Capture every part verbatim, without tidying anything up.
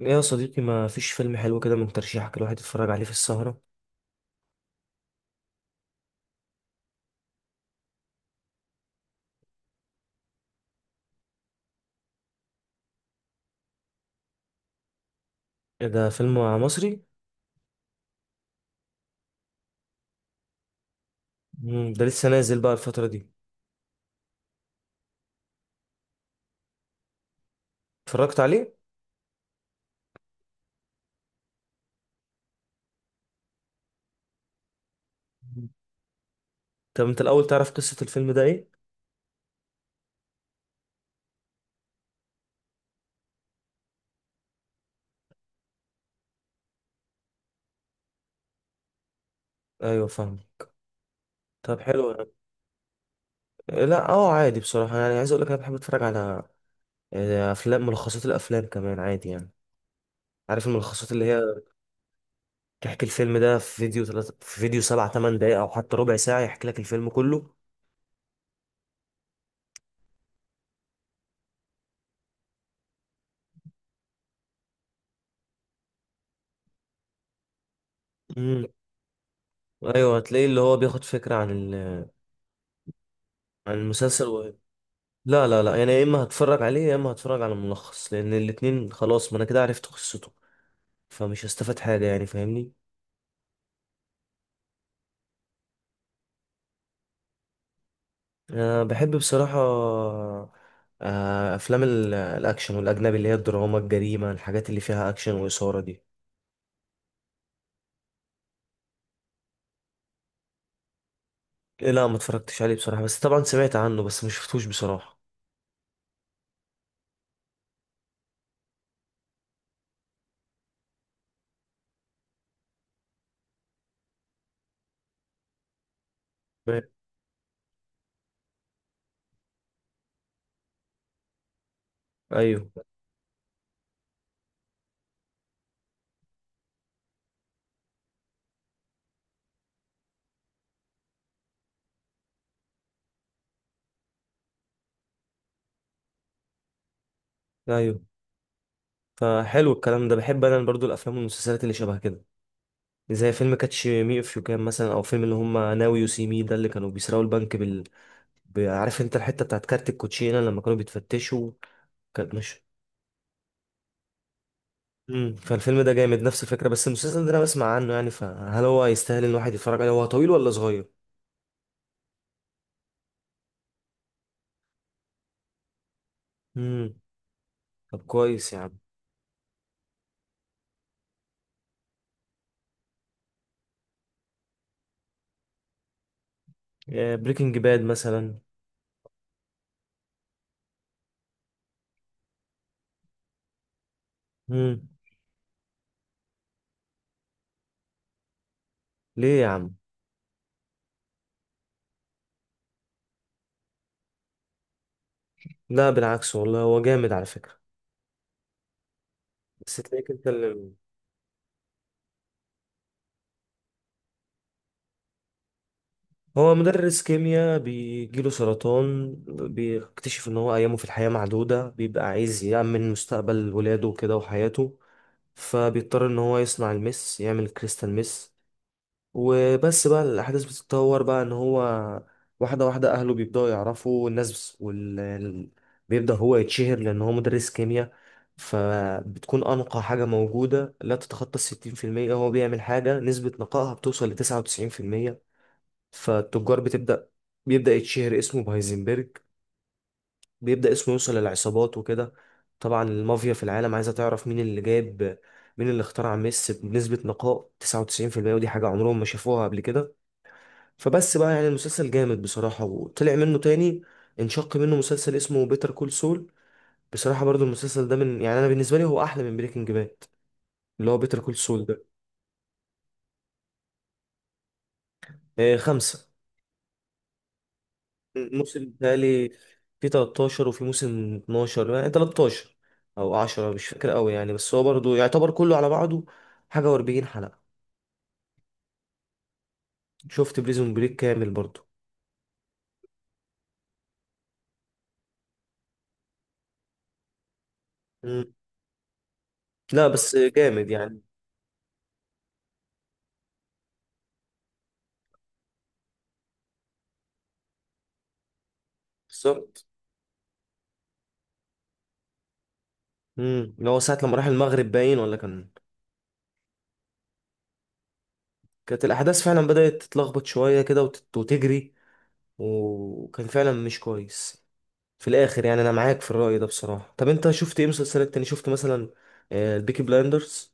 إيه يا صديقي، ما فيش فيلم حلو كده من ترشيحك الواحد يتفرج عليه في السهرة؟ إيه ده؟ فيلم مصري؟ مم، ده لسه نازل بقى الفترة دي. اتفرجت عليه؟ مم. طب انت الاول تعرف قصة الفيلم ده ايه؟ ايوه، فاهمك. طب حلو يعني. إيه؟ لا، اه عادي بصراحة. يعني عايز اقول لك، انا بحب اتفرج على آه، افلام، ملخصات الافلام كمان عادي يعني. عارف الملخصات اللي هي تحكي الفيلم ده في فيديو تلات، في فيديو سبع تمن دقايق او حتى ربع ساعة يحكي لك الفيلم كله. امم. ايوه، هتلاقي اللي هو بياخد فكرة عن ال... عن المسلسل. لا لا لا، يعني يا اما هتفرج عليه يا اما هتفرج على الملخص، لان الاتنين خلاص ما انا كده عرفت قصته. فمش هستفاد حاجه يعني، فاهمني. انا بحب بصراحه آه، افلام ال- الاكشن والاجنبي، اللي هي الدراما، الجريمه، الحاجات اللي فيها اكشن واثاره دي. لا، ما اتفرجتش عليه بصراحه، بس طبعا سمعت عنه بس ما شفتوش بصراحه. ايوه، ايوه. فحلو الكلام ده، بحب انا برضو الافلام والمسلسلات اللي شبه كده، زي فيلم كاتش مي اف يو كان مثلا، او فيلم اللي هم ناو يو سي مي ده اللي كانوا بيسرقوا البنك. ب- عارف انت الحته بتاعت كارت الكوتشينه لما كانوا بيتفتشوا، كانت مش... امم فالفيلم ده جامد، نفس الفكره، بس المسلسل ده انا بسمع عنه يعني، فهل هو يستاهل ان الواحد يتفرج عليه؟ هو طويل ولا صغير؟ امم. طب كويس يا عم. بريكنج باد مثلا. امم. ليه يا عم؟ لا، بالعكس والله، هو جامد على فكره. بس تلاقيك انت اللي... هو مدرس كيمياء بيجيله سرطان. بيكتشف ان هو ايامه في الحياه معدوده، بيبقى عايز يأمن مستقبل ولاده وكده وحياته. فبيضطر ان هو يصنع المس، يعمل كريستال مس. وبس بقى الاحداث بتتطور بقى ان هو واحده واحده اهله بيبداوا يعرفوا الناس وال... ال-. بيبدا هو يتشهر لان هو مدرس كيمياء، فبتكون انقى حاجه موجوده لا تتخطى الستين في المية، هو بيعمل حاجه نسبه نقائها بتوصل لتسعة وتسعين في المية. فالتجار بتبدا. بيبدا يتشهر اسمه بهايزنبرج. بيبدأ اسمه يوصل للعصابات وكده. طبعا المافيا في العالم عايزة تعرف مين اللي جايب، مين اللي اخترع ميسي بنسبة نقاء تسعة وتسعين في المية. ودي حاجة عمرهم ما شافوها قبل كده. فبس بقى يعني المسلسل جامد بصراحة. وطلع منه تاني، انشق منه مسلسل اسمه بيتر كول سول. بصراحة برضو المسلسل ده، من يعني أنا بالنسبة لي هو أحلى من بريكنج باد، اللي هو بيتر كول سول ده. آه، خمسة. موسم بتهيألي في ثلاثتاشر، وفي موسم اثنا عشر، يعني ثلاثتاشر او عشرة، مش فاكر قوي يعني، بس هو برضو يعتبر كله على بعضه حاجة و40 حلقة. شفت بريزون بريك كامل برضو. مم. لا بس جامد يعني. بالظبط. امم اللي هو ساعة لما راح المغرب باين، ولا كان كانت الأحداث فعلا بدأت تتلخبط شوية كده وتت- وتجري، وكان فعلا مش كويس في الآخر يعني. أنا معاك في الرأي ده بصراحة. طب أنت شفت إيه مسلسلات تاني؟ شفت مثلا آه، البيكي بلايندرز.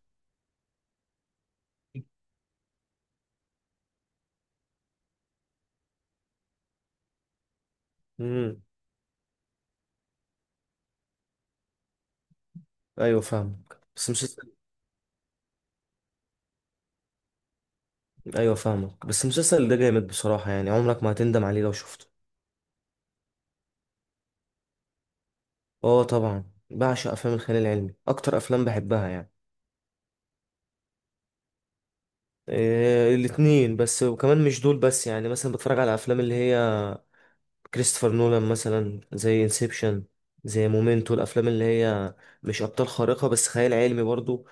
ايوه، فاهمك بس مسلسل. ايوه، فاهمك بس المسلسل ده جامد بصراحه، يعني عمرك ما هتندم عليه لو شفته. اه طبعا. بعشق افلام الخيال العلمي، اكتر افلام بحبها يعني. إيه، الاتنين، بس وكمان مش دول بس يعني. مثلا بتفرج على افلام اللي هي كريستوفر نولان مثلا زي انسبشن، زي مومنتو، الافلام اللي هي مش ابطال خارقه بس خيال علمي برضو،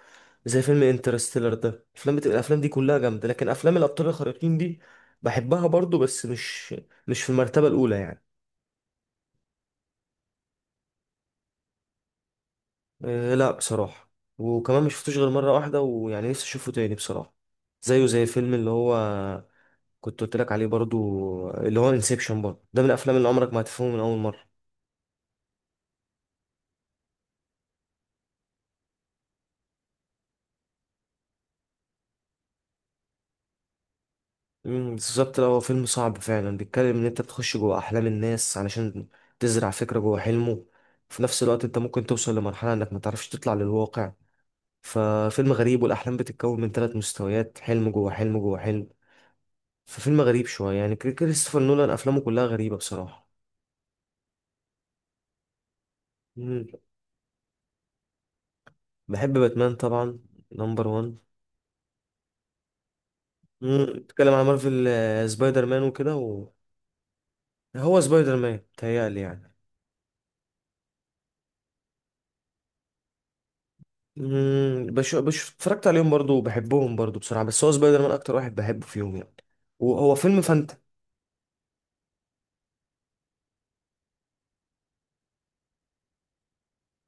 زي فيلم انترستيلر ده. الافلام بتبقى الافلام دي كلها جامده. لكن افلام الابطال الخارقين دي بحبها برضو، بس مش مش في المرتبه الاولى يعني. آه، لا بصراحة. وكمان ما شفتوش غير مرة واحدة، ويعني نفسي اشوفه تاني بصراحة. زيه زي فيلم اللي هو كنت قلت لك عليه برضو، اللي هو انسبشن برضو، ده من الافلام اللي عمرك ما هتفهمه من اول مرة. مم، بالظبط. لا، هو فيلم صعب فعلا، بيتكلم ان انت بتخش جوه احلام الناس علشان تزرع فكرة جوه حلمه. في نفس الوقت انت ممكن توصل لمرحلة انك ما تعرفش تطلع للواقع. ففيلم غريب، والاحلام بتتكون من ثلاث مستويات، حلم جوه حلم جوه حلم. ففيلم غريب شوية يعني، كريستوفر نولان افلامه كلها غريبة بصراحة. بحب باتمان طبعا، نمبر وان. مم، بتتكلم عن مارفل، آه، سبايدر مان وكده و... هو سبايدر مان تهيألي يعني. مم، بش... بش... اتفرجت عليهم برضو وبحبهم برضو بصراحة. بس هو سبايدر مان أكتر واحد بحبه فيهم يعني. وهو فيلم فانتا...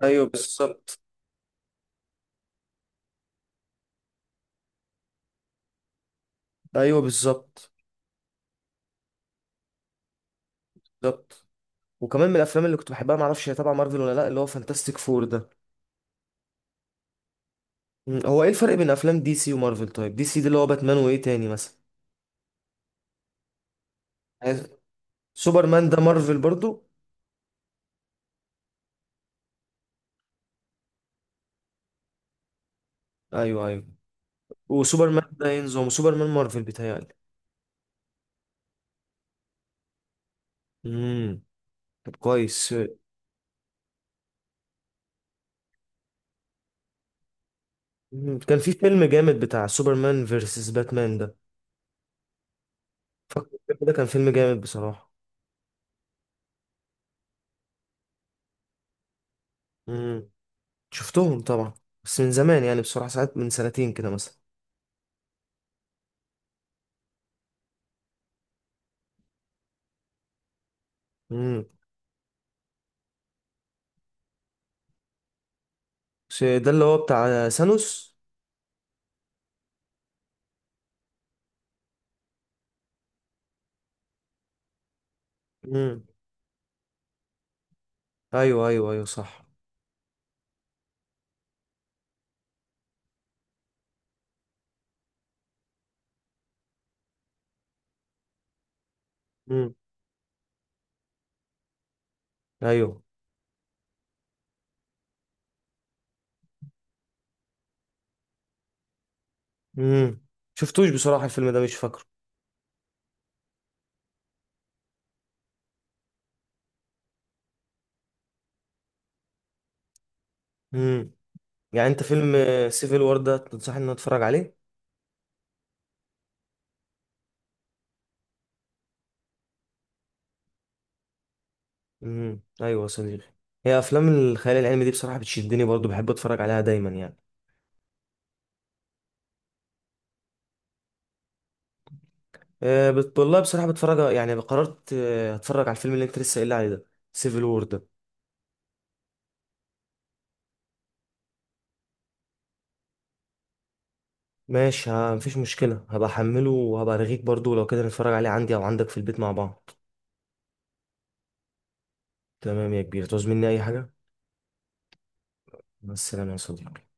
أيوه بالظبط. أيوه بالظبط. بالظبط. وكمان من الأفلام اللي كنت بحبها، معرفش هي تبع مارفل ولا لأ، اللي هو فانتاستيك فور ده. مم، هو إيه الفرق بين أفلام دي سي ومارفل؟ طيب دي سي دي اللي هو باتمان وإيه تاني مثلا؟ عايز- سوبرمان ده مارفل برضو. أيوه أيوه، وسوبرمان ده ينظم وسوبرمان مارفل بيتهيألي. امم. طب كويس. مم. كان في فيلم جامد بتاع سوبرمان فيرسس باتمان ده، فاكر الفيلم ده؟ كان فيلم جامد بصراحة. امم. شفتهم طبعا، بس من زمان يعني بصراحة، ساعات من سنتين كده مثلا. امم. ش- ده اللي هو بتاع ثانوس؟ امم. ايوه ايوه ايوه صح. امم. ايوه. امم. شفتوش بصراحة، الفيلم ده مش فاكره. امم. يعني انت فيلم سيفل وور ده تنصحني ان أنا اتفرج عليه؟ امم. ايوه يا صديقي. هي افلام الخيال العلمي دي بصراحه بتشدني برضو، بحب اتفرج عليها دايما يعني. أه، بت... والله بصراحه بتفرج. يعني قررت آه، هتفرج على الفيلم اللي انت لسه قايل لي عليه ده، سيفل وور ده. ماشي، ها مفيش مشكله، هبقى احمله وهبقى ارغيك برضو لو كده نتفرج عليه عندي او عندك في البيت مع بعض. تمام يا كبير، تعوز مني اي حاجه؟ مع السلامه يا صديقي.